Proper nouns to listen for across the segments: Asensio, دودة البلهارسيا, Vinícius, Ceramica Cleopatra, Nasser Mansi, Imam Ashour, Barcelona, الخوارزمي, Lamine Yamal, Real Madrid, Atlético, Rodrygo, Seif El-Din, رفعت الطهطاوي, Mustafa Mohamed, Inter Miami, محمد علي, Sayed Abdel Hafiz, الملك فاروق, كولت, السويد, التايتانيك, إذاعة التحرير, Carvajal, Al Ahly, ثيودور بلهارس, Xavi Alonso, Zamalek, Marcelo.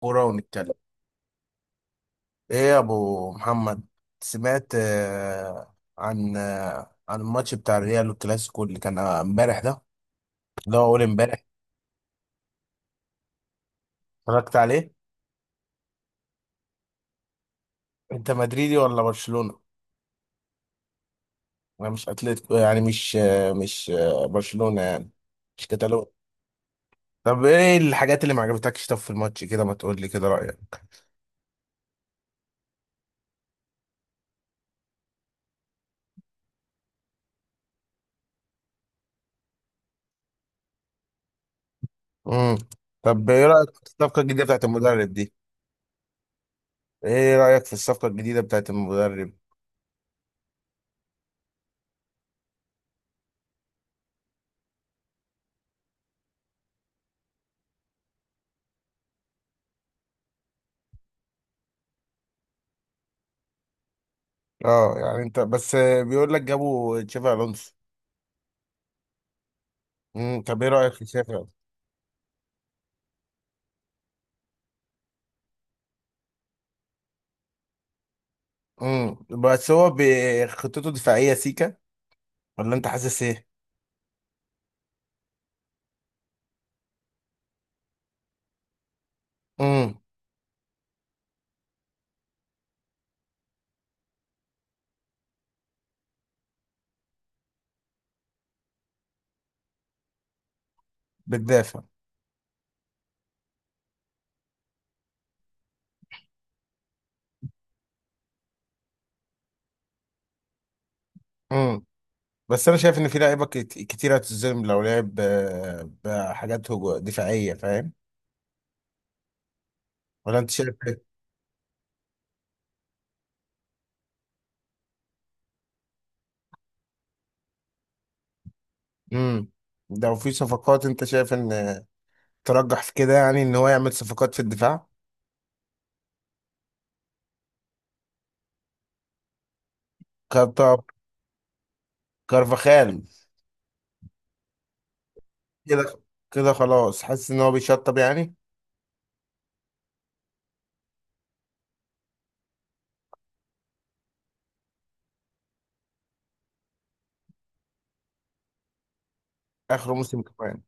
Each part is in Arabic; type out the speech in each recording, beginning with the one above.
كورة ونتكلم. ايه يا ابو محمد؟ سمعت عن عن الماتش بتاع الريال والكلاسيكو اللي كان امبارح ده، اللي هو اول امبارح. اتفرجت عليه. انت مدريدي ولا برشلونة؟ انا مش اتلتيكو، يعني مش برشلونة يعني، مش كتالون. طب ايه الحاجات اللي ما عجبتكش طب في الماتش كده؟ ما تقول لي كده رأيك. امم طب ايه رأيك في الصفقة الجديدة بتاعت المدرب دي؟ ايه رأيك في الصفقة الجديدة بتاعت المدرب؟ اه يعني انت بس بيقول لك جابوا تشافي الونسو. طب ايه رأيك في شافعي؟ بس هو بخطته دفاعية سيكا، ولا انت حاسس ايه؟ امم. بتدافع. امم بس انا شايف ان في لعيبة كتيرة هتتظلم لو لعب بحاجات دفاعية، فاهم؟ ولا انت شايف ايه؟ امم. لو في صفقات، انت شايف ان ترجح في كده يعني ان هو يعمل صفقات في الدفاع؟ كارتا- كارفاخال. كده كده خلاص، حاسس ان هو بيشطب يعني. اخر موسم كمان.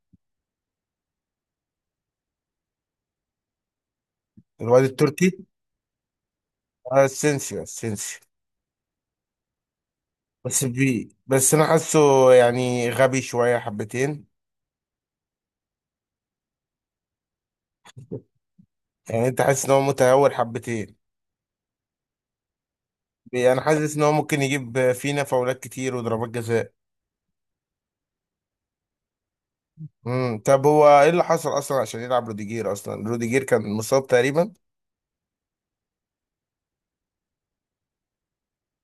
الواد التركي، اسينسيو اسينسيو. بس انا حاسه يعني غبي شويه حبتين. يعني انت حاسس ان هو متهور حبتين؟ انا حاسس ان هو ممكن يجيب فينا فاولات كتير وضربات جزاء. طب هو ايه اللي حصل اصلا عشان يلعب روديجير؟ اصلا روديجير كان مصاب تقريبا.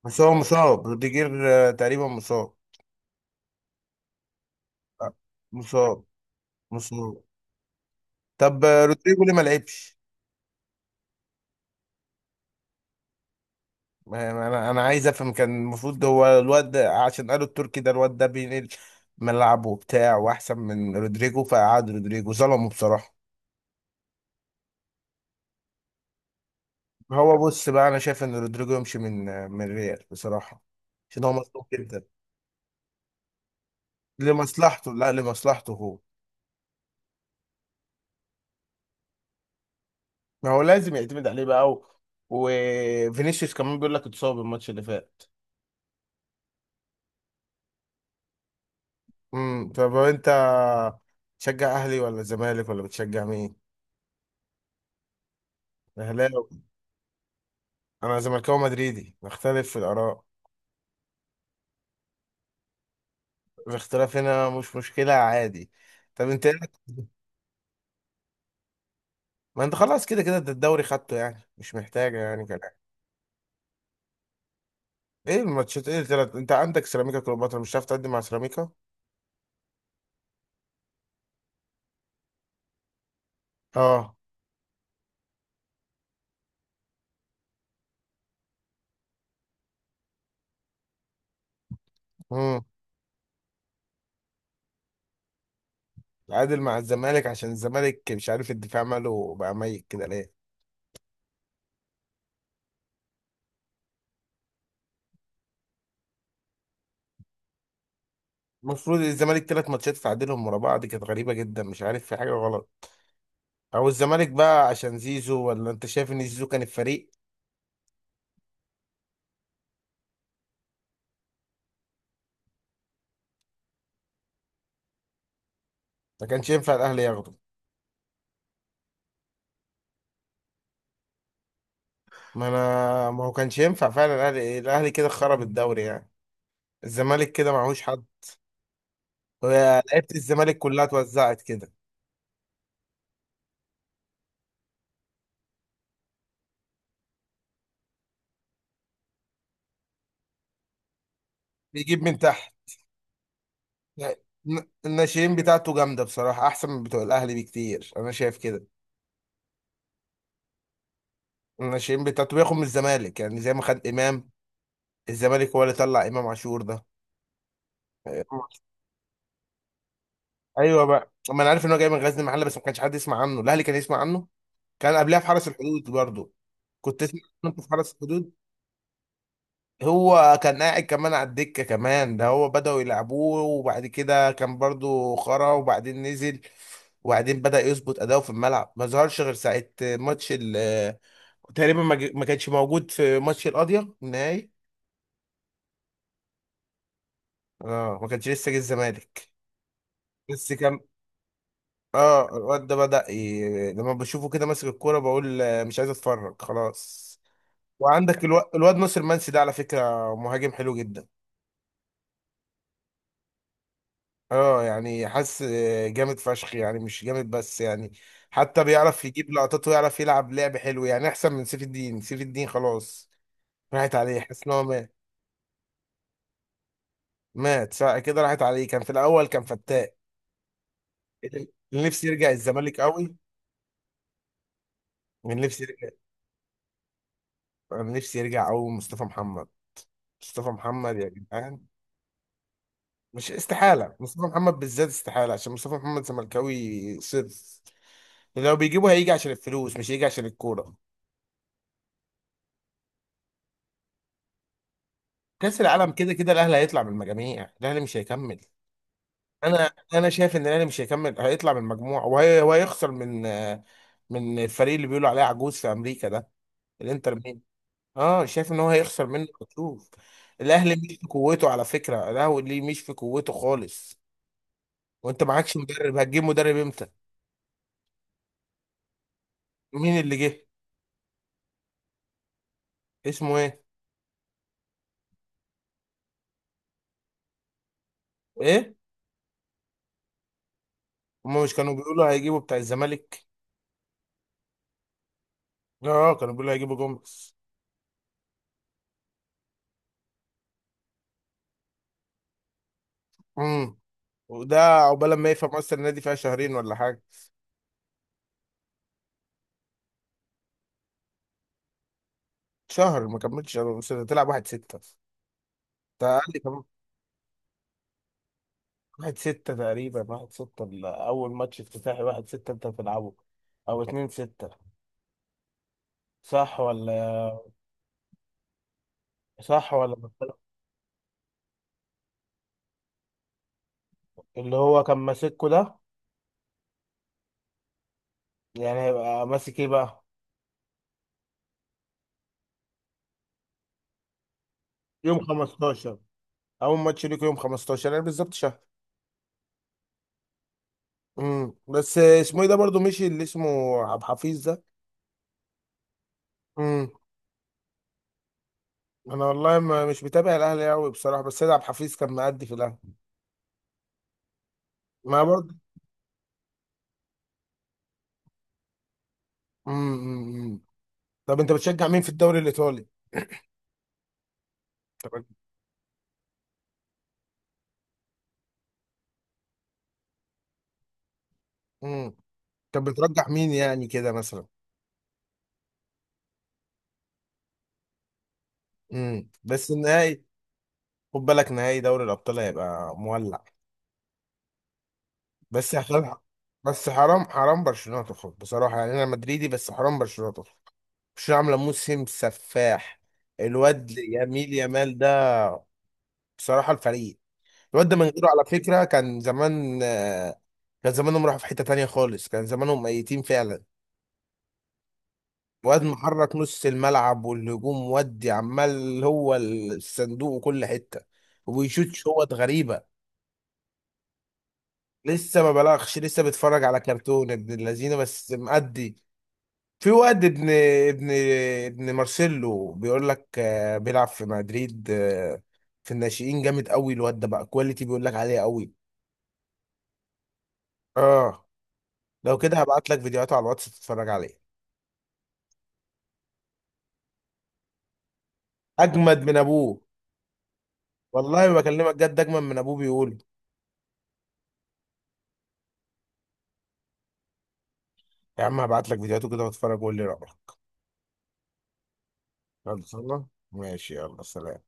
بس هو مصاب روديجير تقريبا مصاب. آه، مصاب. مصاب. طب رودريجو ليه ما لعبش؟ انا عايز افهم. كان المفروض هو عشان قالوا التركي ده الواد ده بينقل ملعب وبتاع واحسن من رودريجو، فقعد رودريجو، ظلمه بصراحه. هو بص بقى، انا شايف ان رودريجو يمشي من الريال بصراحه، عشان هو مظلوم جدا. لمصلحته، لا لمصلحته هو. ما هو لازم يعتمد عليه بقى و... وفينيسيوس كمان بيقول لك اتصاب الماتش اللي فات. طب هو انت تشجع اهلي ولا زمالك ولا بتشجع مين؟ اهلاوي. انا زملكاوي مدريدي، نختلف في الاراء. الاختلاف هنا مش مشكلة، عادي. طب انت ايه ما انت خلاص كده كده انت الدوري خدته، يعني مش محتاجة يعني كلام. ايه الماتشات؟ ايه التلات؟ انت عندك سيراميكا كليوباترا، مش هتعرف تقدم مع سيراميكا. اه. امم. تعادل مع الزمالك، عشان الزمالك مش عارف الدفاع ماله بقى ميت كده ليه. المفروض الزمالك تلات ماتشات تعادلهم ورا بعض، كانت غريبة جدا، مش عارف في حاجة غلط. او الزمالك بقى عشان زيزو، ولا انت شايف ان زيزو كان الفريق؟ ما كانش ينفع الاهلي ياخده؟ ما انا ما هو كانش ينفع فعلا الاهلي كده خرب الدوري يعني. الزمالك كده معهوش حد. هو لعيبه الزمالك كلها اتوزعت كده. بيجيب من تحت. يعني الناشئين بتاعته جامده بصراحه، احسن من بتوع الاهلي بكتير، انا شايف كده. الناشئين بتاعته بياخد من الزمالك، يعني زي ما خد امام. الزمالك هو اللي طلع امام عاشور ده. ايوه بقى، ما انا عارف ان هو جاي من غزل المحله، بس ما كانش حد يسمع عنه، الاهلي كان يسمع عنه. كان قبلها في حرس الحدود برضه، كنت تسمع عنه في حرس الحدود. هو كان قاعد كمان على الدكة كمان ده، هو بدأوا يلعبوه وبعد كده كان برضو خرا، وبعدين نزل وبعدين بدأ يظبط أداؤه في الملعب. ما ظهرش غير ساعة ماتش ال تقريبا، ما كانش موجود في ماتش القاضية النهائي. اه ما كانش، لسه جه الزمالك. بس كان، اه الواد ده لما بشوفه كده ماسك الكورة بقول مش عايز اتفرج خلاص. وعندك الواد ناصر منسي ده، على فكرة مهاجم حلو جدا. اه يعني حاسس جامد فشخ يعني، مش جامد بس يعني، حتى بيعرف يجيب لقطات ويعرف يلعب لعب حلو، يعني احسن من سيف الدين. سيف الدين خلاص راحت عليه، حاسس ان هو مات. مات ساعة كده، راحت عليه، كان في الاول كان فتاك. اللي نفسي يرجع الزمالك قوي، من نفسي يرجع، من نفسي يرجع قوي، مصطفى محمد. مصطفى محمد يا جدعان. مش استحالة، مصطفى محمد بالذات استحالة، عشان مصطفى محمد زملكاوي صرف. لو بيجيبه هيجي عشان الفلوس، مش هيجي عشان الكورة. كأس العالم كده كده الاهلي هيطلع من المجاميع، الاهلي مش هيكمل. انا شايف ان الاهلي مش هيكمل، هيطلع من المجموعه وهي وهيخسر من من الفريق اللي بيقولوا عليه عجوز في امريكا ده، الانتر ميامي. اه شايف ان هو هيخسر منه مكشوف. الاهلي مش في قوته على فكره، الاهلي مش في قوته خالص. وانت معكش مدرب، هتجيب مدرب امتى؟ مين اللي جه؟ اسمه ايه؟ ايه؟ هما مش كانوا بيقولوا هيجيبوا بتاع الزمالك؟ اه كانوا بيقولوا هيجيبوا جمبس. امم. وده عقبال ما يفهم اصلا النادي فيها شهرين ولا حاجه. شهر ما كملتش شهر، بس تلعب 1/6. انت اقل كمان. 1/6 تقريبا، 1/6 اول ماتش افتتاحي، 1/6 انت بتلعبه، او 2/6. صح ولا صح ولا بختلف؟ اللي هو كان ماسكه ده. يعني هيبقى ماسك ايه بقى؟ يوم 15 اول ماتش ليك، يوم 15 يعني بالظبط شهر. بس اسمه ايه ده برضو مشي، اللي اسمه عبد الحفيظ ده؟ امم. انا والله ما مش متابع الاهلي قوي بصراحه، بس سيد عبد الحفيظ كان مأدي في الاهلي. ما برضه. امم. أمم، أمم. طب انت بتشجع مين في الدوري الايطالي؟ طب. امم. طب بترجح مين يعني كده مثلا؟ بس النهائي. خد بالك نهائي دوري الابطال هيبقى مولع. بس هخل... بس حرام، حرام برشلونه تخرج بصراحه يعني. انا مدريدي بس حرام برشلونه تخرج. برشلونه عامله موسم سفاح. الواد يميل يامال ده. بصراحه الفريق، الواد ده من غيره على فكره كان زمان كان زمانهم راحوا في حته تانيه خالص، كان زمانهم ميتين فعلا. واد محرك نص الملعب والهجوم ودي، عمال هو الصندوق وكل حتة، وبيشوت شوط غريبة. لسه ما بلغش، لسه بتفرج على كرتون ابن اللذينه، بس مأدي. في واد ابن ابن مارسيلو، بيقول لك بيلعب في مدريد في الناشئين جامد قوي، الواد ده بقى كواليتي بيقول لك عليه قوي. اه. لو كده هبعت لك فيديوهاته على الواتس تتفرج عليه. اجمد من ابوه، والله ما بكلمك جد اجمد من ابوه بيقول. يا عم هبعت لك فيديوهاته كده، واتفرج وقول لي رأيك. خلصنا. ماشي، يلا سلام.